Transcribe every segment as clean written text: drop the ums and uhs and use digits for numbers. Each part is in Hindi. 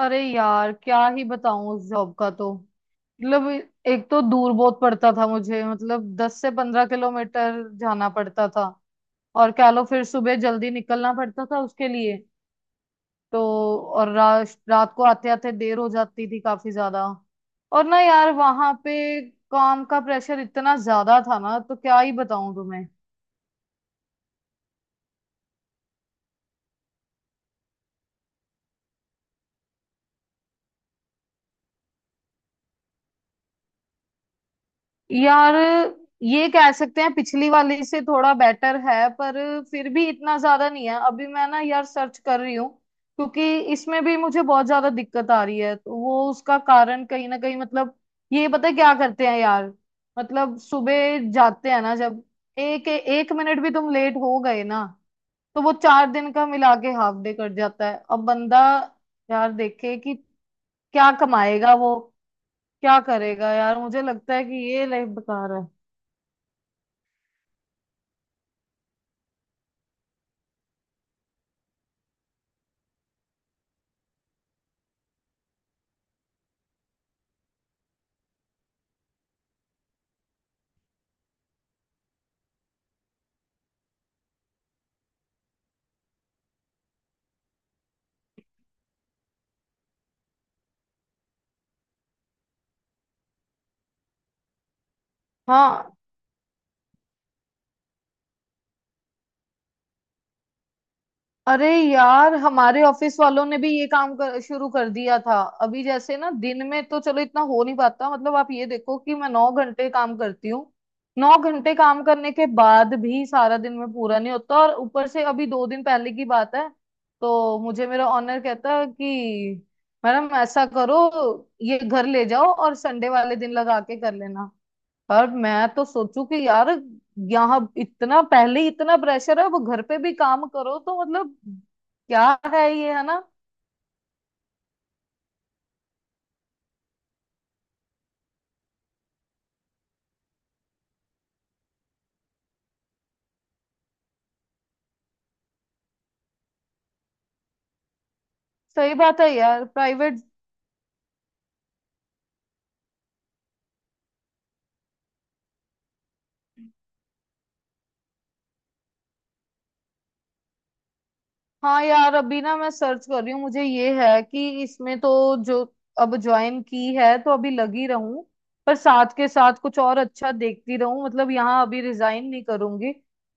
अरे यार क्या ही बताऊं। उस जॉब का तो मतलब, एक तो दूर बहुत पड़ता था मुझे, मतलब दस से पंद्रह किलोमीटर जाना पड़ता था। और कह लो फिर सुबह जल्दी निकलना पड़ता था उसके लिए। तो और रात को आते आते देर हो जाती थी काफी ज्यादा। और ना यार वहां पे काम का प्रेशर इतना ज्यादा था ना, तो क्या ही बताऊं तुम्हें। यार ये कह सकते हैं पिछली वाली से थोड़ा बेटर है, पर फिर भी इतना ज्यादा नहीं है। अभी मैं ना यार सर्च कर रही हूँ, क्योंकि इसमें भी मुझे बहुत ज्यादा दिक्कत आ रही है। तो वो उसका कारण कहीं ना कहीं, मतलब ये पता है क्या करते हैं यार, मतलब सुबह जाते हैं ना, जब एक एक मिनट भी तुम लेट हो गए ना, तो वो चार दिन का मिला के हाफ डे कट जाता है। अब बंदा यार देखे कि क्या कमाएगा वो, क्या करेगा। यार मुझे लगता है कि ये लाइफ बेकार है। हाँ, अरे यार हमारे ऑफिस वालों ने भी ये काम शुरू कर दिया था। अभी जैसे ना दिन में तो चलो इतना हो नहीं पाता, मतलब आप ये देखो कि मैं नौ घंटे काम करती हूँ। नौ घंटे काम करने के बाद भी सारा दिन में पूरा नहीं होता, और ऊपर से अभी दो दिन पहले की बात है, तो मुझे मेरा ऑनर कहता है कि मैडम ऐसा करो, ये घर ले जाओ और संडे वाले दिन लगा के कर लेना। और मैं तो सोचू कि यार यहाँ इतना पहले ही इतना प्रेशर है, वो घर पे भी काम करो तो मतलब क्या है, ये है ना। सही बात है यार, प्राइवेट। हाँ यार अभी ना मैं सर्च कर रही हूँ। मुझे ये है कि इसमें तो, जो अब ज्वाइन की है तो अभी लगी रहूं, पर साथ के साथ कुछ और अच्छा देखती रहूं। मतलब यहाँ अभी रिजाइन नहीं करूंगी,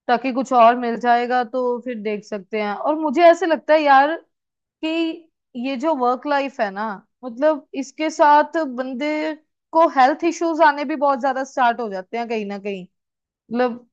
ताकि कुछ और मिल जाएगा तो फिर देख सकते हैं। और मुझे ऐसे लगता है यार कि ये जो वर्क लाइफ है ना, मतलब इसके साथ बंदे को हेल्थ इश्यूज आने भी बहुत ज्यादा स्टार्ट हो जाते हैं कहीं ना कहीं। मतलब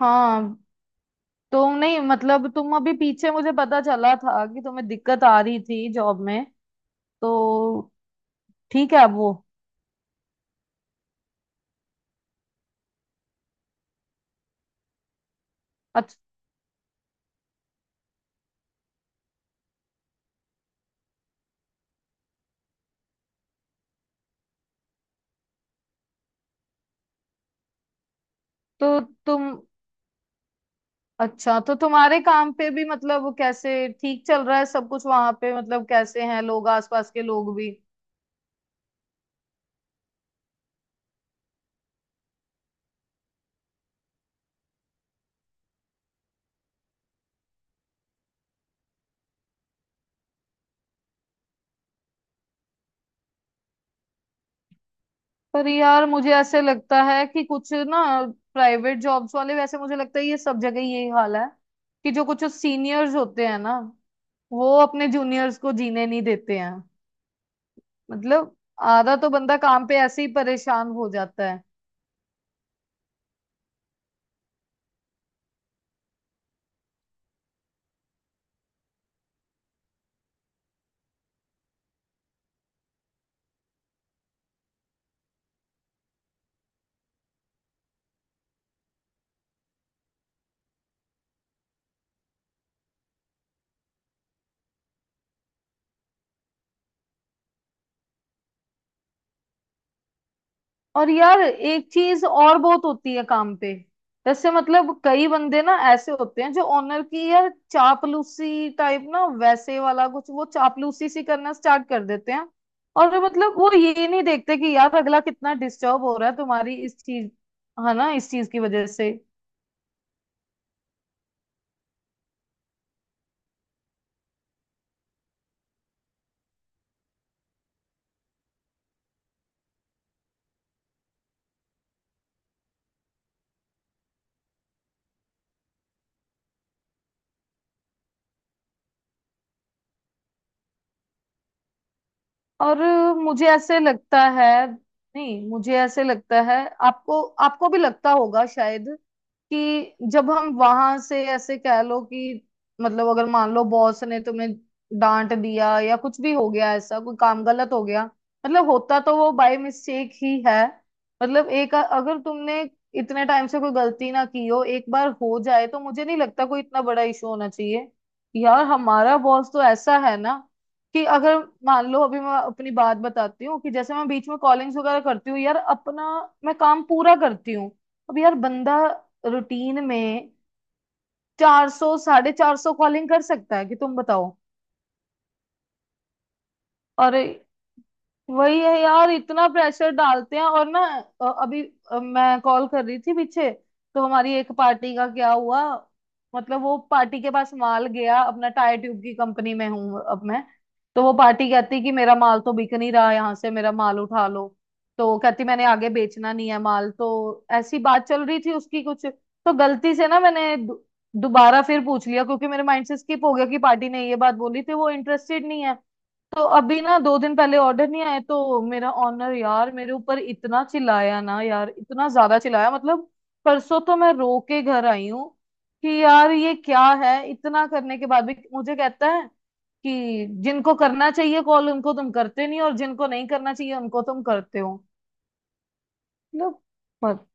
हाँ, तो नहीं मतलब तुम अभी पीछे, मुझे पता चला था कि तुम्हें दिक्कत आ रही थी जॉब में, तो ठीक है अब वो। अच्छा तो तुम तुम्हारे काम पे भी मतलब कैसे ठीक चल रहा है सब कुछ वहां पे? मतलब कैसे हैं लोग, आसपास के लोग भी? पर यार मुझे ऐसे लगता है कि कुछ ना, प्राइवेट जॉब्स वाले, वैसे मुझे लगता है ये सब जगह यही हाल है कि जो कुछ सीनियर्स होते हैं ना, वो अपने जूनियर्स को जीने नहीं देते हैं। मतलब आधा तो बंदा काम पे ऐसे ही परेशान हो जाता है। और यार एक चीज और बहुत होती है काम पे, जैसे मतलब कई बंदे ना ऐसे होते हैं जो ऑनर की यार चापलूसी टाइप ना, वैसे वाला कुछ, वो चापलूसी सी करना स्टार्ट कर देते हैं। और वो मतलब वो ये नहीं देखते कि यार अगला कितना डिस्टर्ब हो रहा है तुम्हारी इस चीज, है ना, इस चीज की वजह से। और मुझे ऐसे लगता है, नहीं मुझे ऐसे लगता है आपको, आपको भी लगता होगा शायद, कि जब हम वहां से ऐसे कह लो कि मतलब, अगर मान लो बॉस ने तुम्हें डांट दिया या कुछ भी हो गया, ऐसा कोई काम गलत हो गया, मतलब होता तो वो बाय मिस्टेक ही है। मतलब एक अगर तुमने इतने टाइम से कोई गलती ना की हो, एक बार हो जाए, तो मुझे नहीं लगता कोई इतना बड़ा इशू होना चाहिए। यार हमारा बॉस तो ऐसा है ना कि अगर मान लो, अभी मैं अपनी बात बताती हूँ कि जैसे मैं बीच में कॉलिंग्स वगैरह करती हूँ यार, अपना मैं काम पूरा करती हूँ। अब यार बंदा रूटीन में चार सौ साढ़े चार सौ कॉलिंग कर सकता है कि? तुम बताओ। और वही है यार, इतना प्रेशर डालते हैं और ना। अभी मैं कॉल कर रही थी पीछे, तो हमारी एक पार्टी का क्या हुआ, मतलब वो पार्टी के पास माल गया अपना, टायर ट्यूब की कंपनी में हूँ अब मैं। तो वो पार्टी कहती कि मेरा माल तो बिक नहीं रहा यहाँ से, मेरा माल उठा लो। तो कहती मैंने आगे बेचना नहीं है माल, तो ऐसी बात चल रही थी उसकी। कुछ तो गलती से ना मैंने दोबारा फिर पूछ लिया, क्योंकि मेरे माइंड से स्किप हो गया कि पार्टी ने ये बात बोली थी, वो इंटरेस्टेड नहीं है। तो अभी ना दो दिन पहले ऑर्डर नहीं आया तो मेरा ऑनर यार मेरे ऊपर इतना चिल्लाया ना यार, इतना ज्यादा चिल्लाया, मतलब परसों तो मैं रो के घर आई हूँ। कि यार ये क्या है, इतना करने के बाद भी मुझे कहता है कि जिनको करना चाहिए कॉल उनको तुम करते नहीं, और जिनको नहीं करना चाहिए उनको तुम करते हो, मतलब।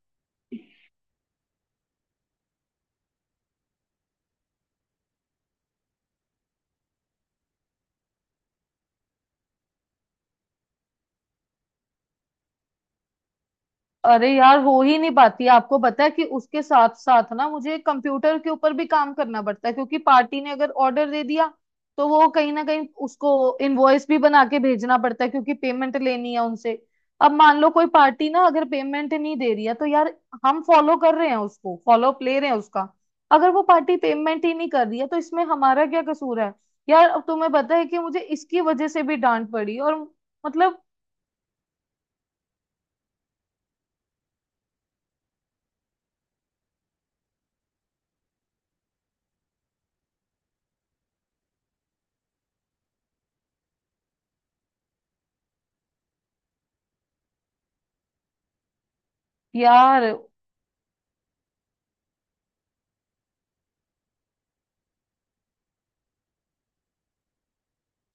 अरे यार हो ही नहीं पाती। आपको पता है कि उसके साथ साथ ना मुझे कंप्यूटर के ऊपर भी काम करना पड़ता है, क्योंकि पार्टी ने अगर ऑर्डर दे दिया तो वो कहीं ना कहीं उसको इनवॉइस भी बना के भेजना पड़ता है, क्योंकि पेमेंट लेनी है उनसे। अब मान लो कोई पार्टी ना अगर पेमेंट नहीं दे रही है, तो यार हम फॉलो कर रहे हैं उसको, फॉलोअप ले रहे हैं उसका। अगर वो पार्टी पेमेंट ही नहीं कर रही है तो इसमें हमारा क्या कसूर है? यार अब तुम्हें पता है कि मुझे इसकी वजह से भी डांट पड़ी, और मतलब यार।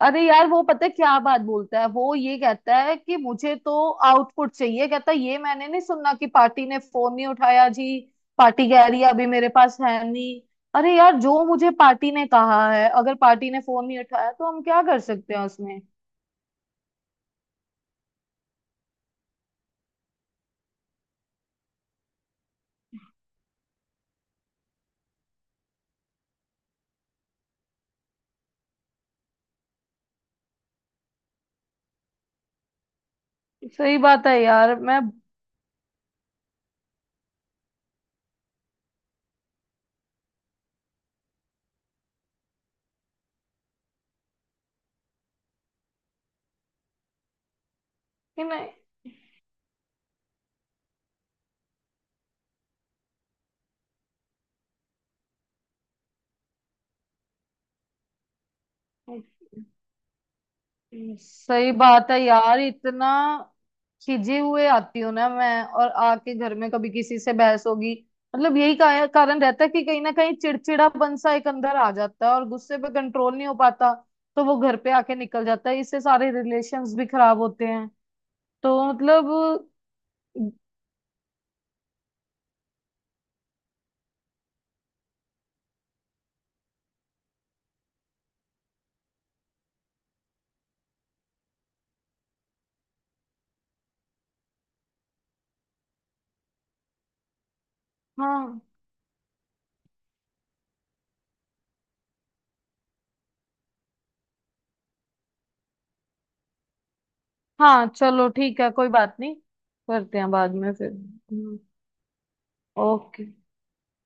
अरे यार वो पता है क्या बात बोलता है, वो ये कहता है कि मुझे तो आउटपुट चाहिए। कहता है ये मैंने नहीं सुना कि पार्टी ने फोन नहीं उठाया जी, पार्टी कह रही है अभी मेरे पास है नहीं। अरे यार, जो मुझे पार्टी ने कहा है, अगर पार्टी ने फोन नहीं उठाया तो हम क्या कर सकते हैं उसमें? सही बात है यार मैं, कि नहीं। सही बात है यार, इतना खिजे हुए आती हूँ ना मैं, और आके घर में कभी किसी से बहस होगी, मतलब यही कारण रहता है कि कहीं ना कहीं चिड़चिड़ापन सा एक अंदर आ जाता है और गुस्से पे कंट्रोल नहीं हो पाता। तो वो घर पे आके निकल जाता है, इससे सारे रिलेशंस भी खराब होते हैं। तो मतलब हाँ। हाँ चलो ठीक है, कोई बात नहीं। करते हैं बाद में फिर। ओके।